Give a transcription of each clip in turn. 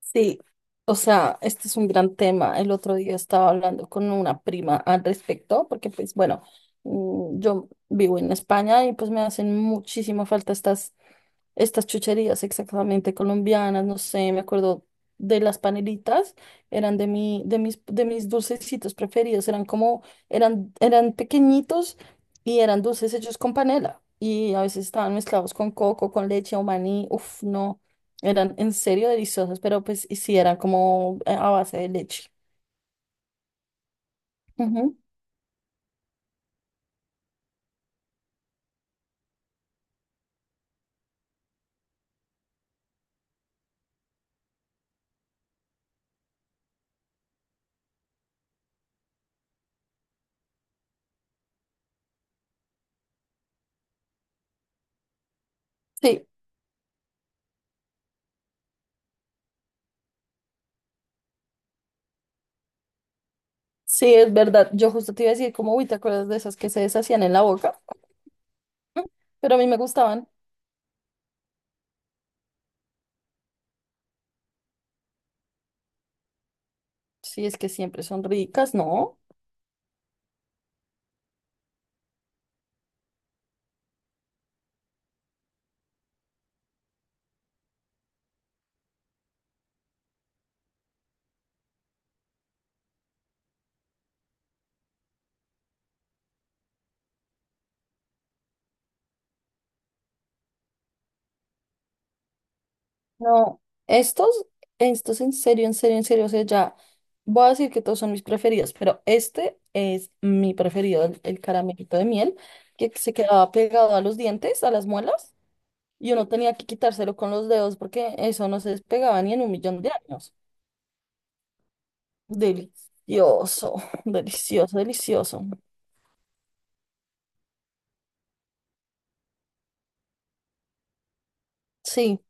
Sí, o sea, este es un gran tema. El otro día estaba hablando con una prima al respecto, porque pues bueno, yo vivo en España y pues me hacen muchísima falta estas chucherías exactamente colombianas, no sé, me acuerdo de las panelitas, eran de mis dulcecitos preferidos, eran como, eran pequeñitos y eran dulces hechos con panela y a veces estaban mezclados con coco, con leche o maní, uf, no, eran en serio deliciosos, pero pues y sí eran como a base de leche. Ujú. Sí, sí, es verdad, yo justo te iba a decir como, uy, ¿te acuerdas de esas que se deshacían en la boca? Pero a mí me gustaban, sí, es que siempre son ricas, ¿no? No, estos, estos en serio, en serio, en serio, o sea, ya voy a decir que todos son mis preferidos, pero este es mi preferido, el caramelito de miel, que se quedaba pegado a los dientes, a las muelas, y uno tenía que quitárselo con los dedos porque eso no se despegaba ni en 1 millón de años. Delicioso, delicioso, delicioso. Sí,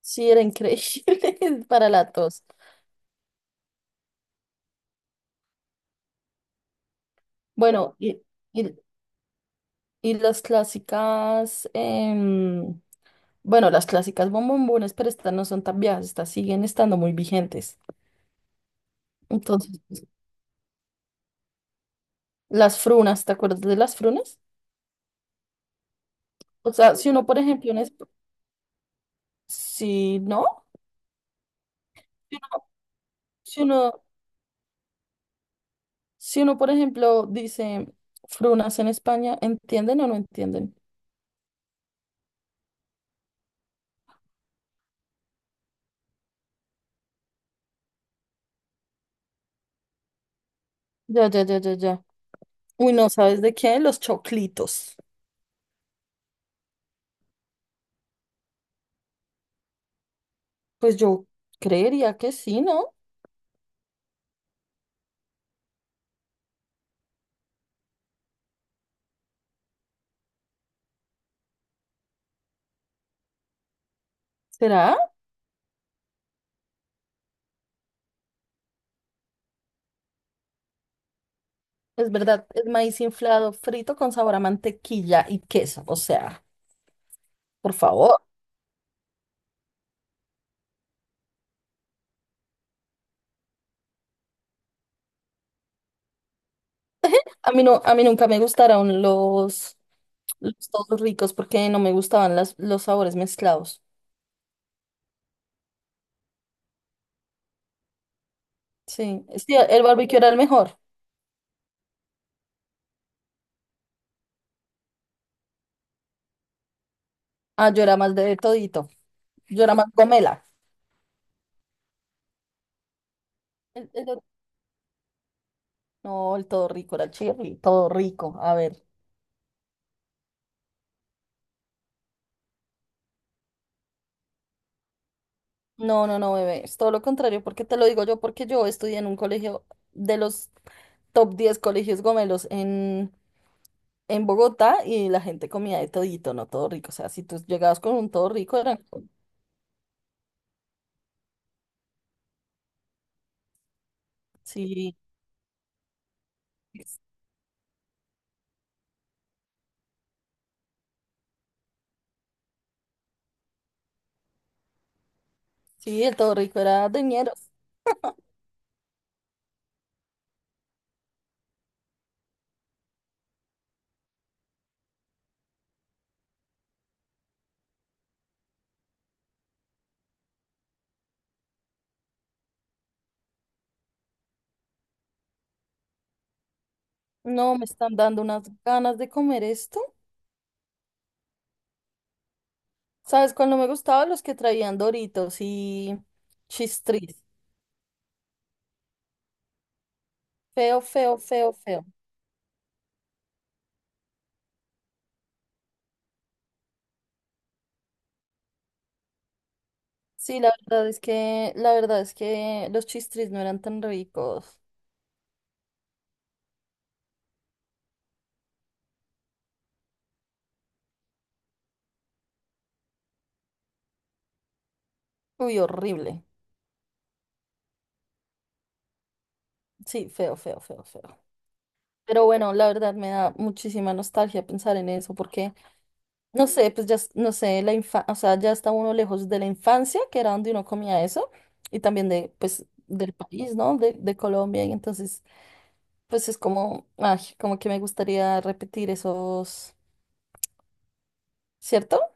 sí, era increíble para la tos. Bueno, y, y las clásicas. Bueno, las clásicas bombombones, pero estas no son tan viejas, estas siguen estando muy vigentes. Entonces, las frunas, ¿te acuerdas de las frunas? O sea, si uno, por ejemplo, en es- si no, si uno, por ejemplo, dice frunas en España, ¿entienden o no entienden? Ya, ya, ya, ya, ya. Uy, no, ¿sabes de qué? Los choclitos. Pues yo creería que sí, ¿no? ¿Será? Es verdad, es maíz inflado, frito con sabor a mantequilla y queso. O sea, por favor. A mí no, a mí nunca me gustaron los todos ricos porque no me gustaban los sabores mezclados. Sí, sí, el barbecue era el mejor. Ah, yo era más de todito. Yo era más gomela. El- el otro- no, el todo rico era el chirri, todo rico. A ver. No, no, no, bebé. Es todo lo contrario, porque te lo digo yo, porque yo estudié en un colegio de los top 10 colegios gomelos en Bogotá y la gente comía de todito, no todo rico. O sea, si tú llegabas con un todo rico, eran. Sí. Sí, el todo rico era de ñeros. No, me están dando unas ganas de comer esto. ¿Sabes cuál no me gustaba? Los que traían Doritos y Chistris. Feo, feo, feo, feo. Sí, la verdad es que, la verdad es que los Chistris no eran tan ricos. Uy, horrible. Sí, feo, feo, feo, feo. Pero bueno, la verdad me da muchísima nostalgia pensar en eso porque no sé, pues ya, no sé, o sea, ya está uno lejos de la infancia, que era donde uno comía eso, y también pues, del país, ¿no? De Colombia, y entonces, pues es como, ay, como que me gustaría repetir esos, ¿cierto?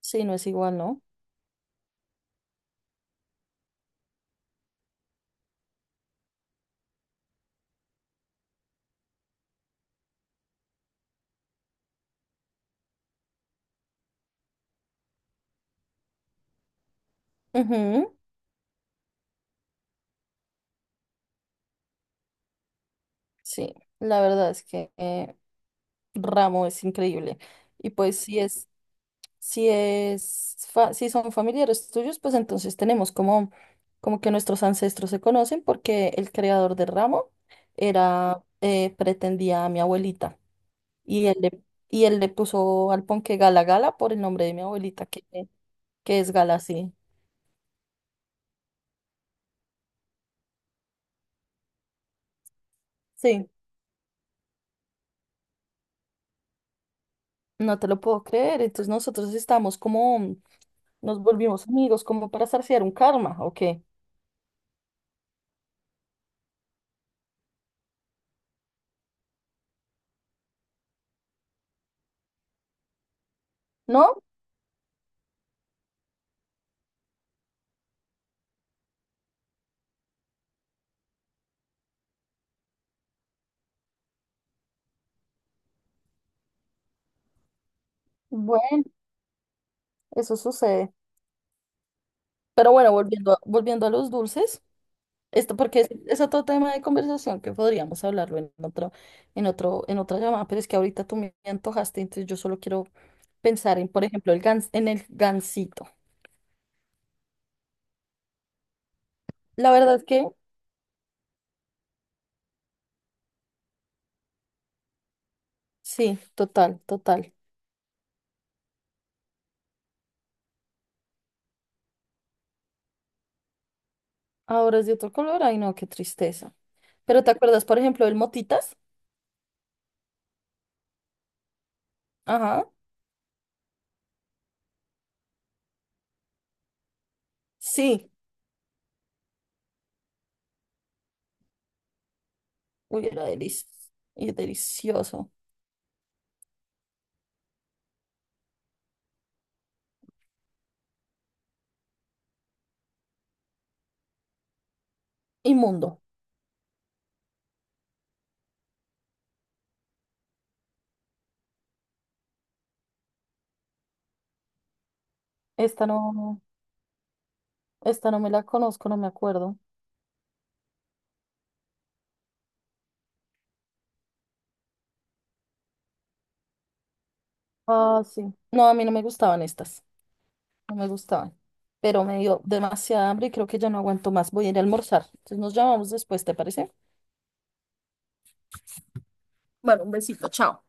Sí, no es igual, ¿no? Ujú. Sí, la verdad es que Ramo es increíble, y pues sí es. Si si son familiares tuyos, pues entonces tenemos como, como que nuestros ancestros se conocen porque el creador del ramo pretendía a mi abuelita y él le, y él le puso al ponque Gala Gala por el nombre de mi abuelita, que es Gala, sí. Sí, no te lo puedo creer. Entonces nosotros estamos como, nos volvimos amigos como para saciar un karma, ¿o qué? ¿No? Bueno, eso sucede. Pero bueno, volviendo a los dulces. Esto porque es otro tema de conversación que podríamos hablarlo en otro, en otra llamada, pero es que ahorita tú me antojaste, entonces yo solo quiero pensar en, por ejemplo, en el gansito. La verdad es que sí, total, total. Ahora es de otro color, ay no, qué tristeza. Pero ¿te acuerdas, por ejemplo, del motitas? Ajá. Sí, uy, y delicioso. Inmundo. Esta no, esta no me la conozco, no me acuerdo. Ah, sí. No, a mí no me gustaban estas. No me gustaban, pero me dio demasiada hambre y creo que ya no aguanto más. Voy a ir a almorzar. Entonces nos llamamos después, ¿te parece? Bueno, un besito, chao.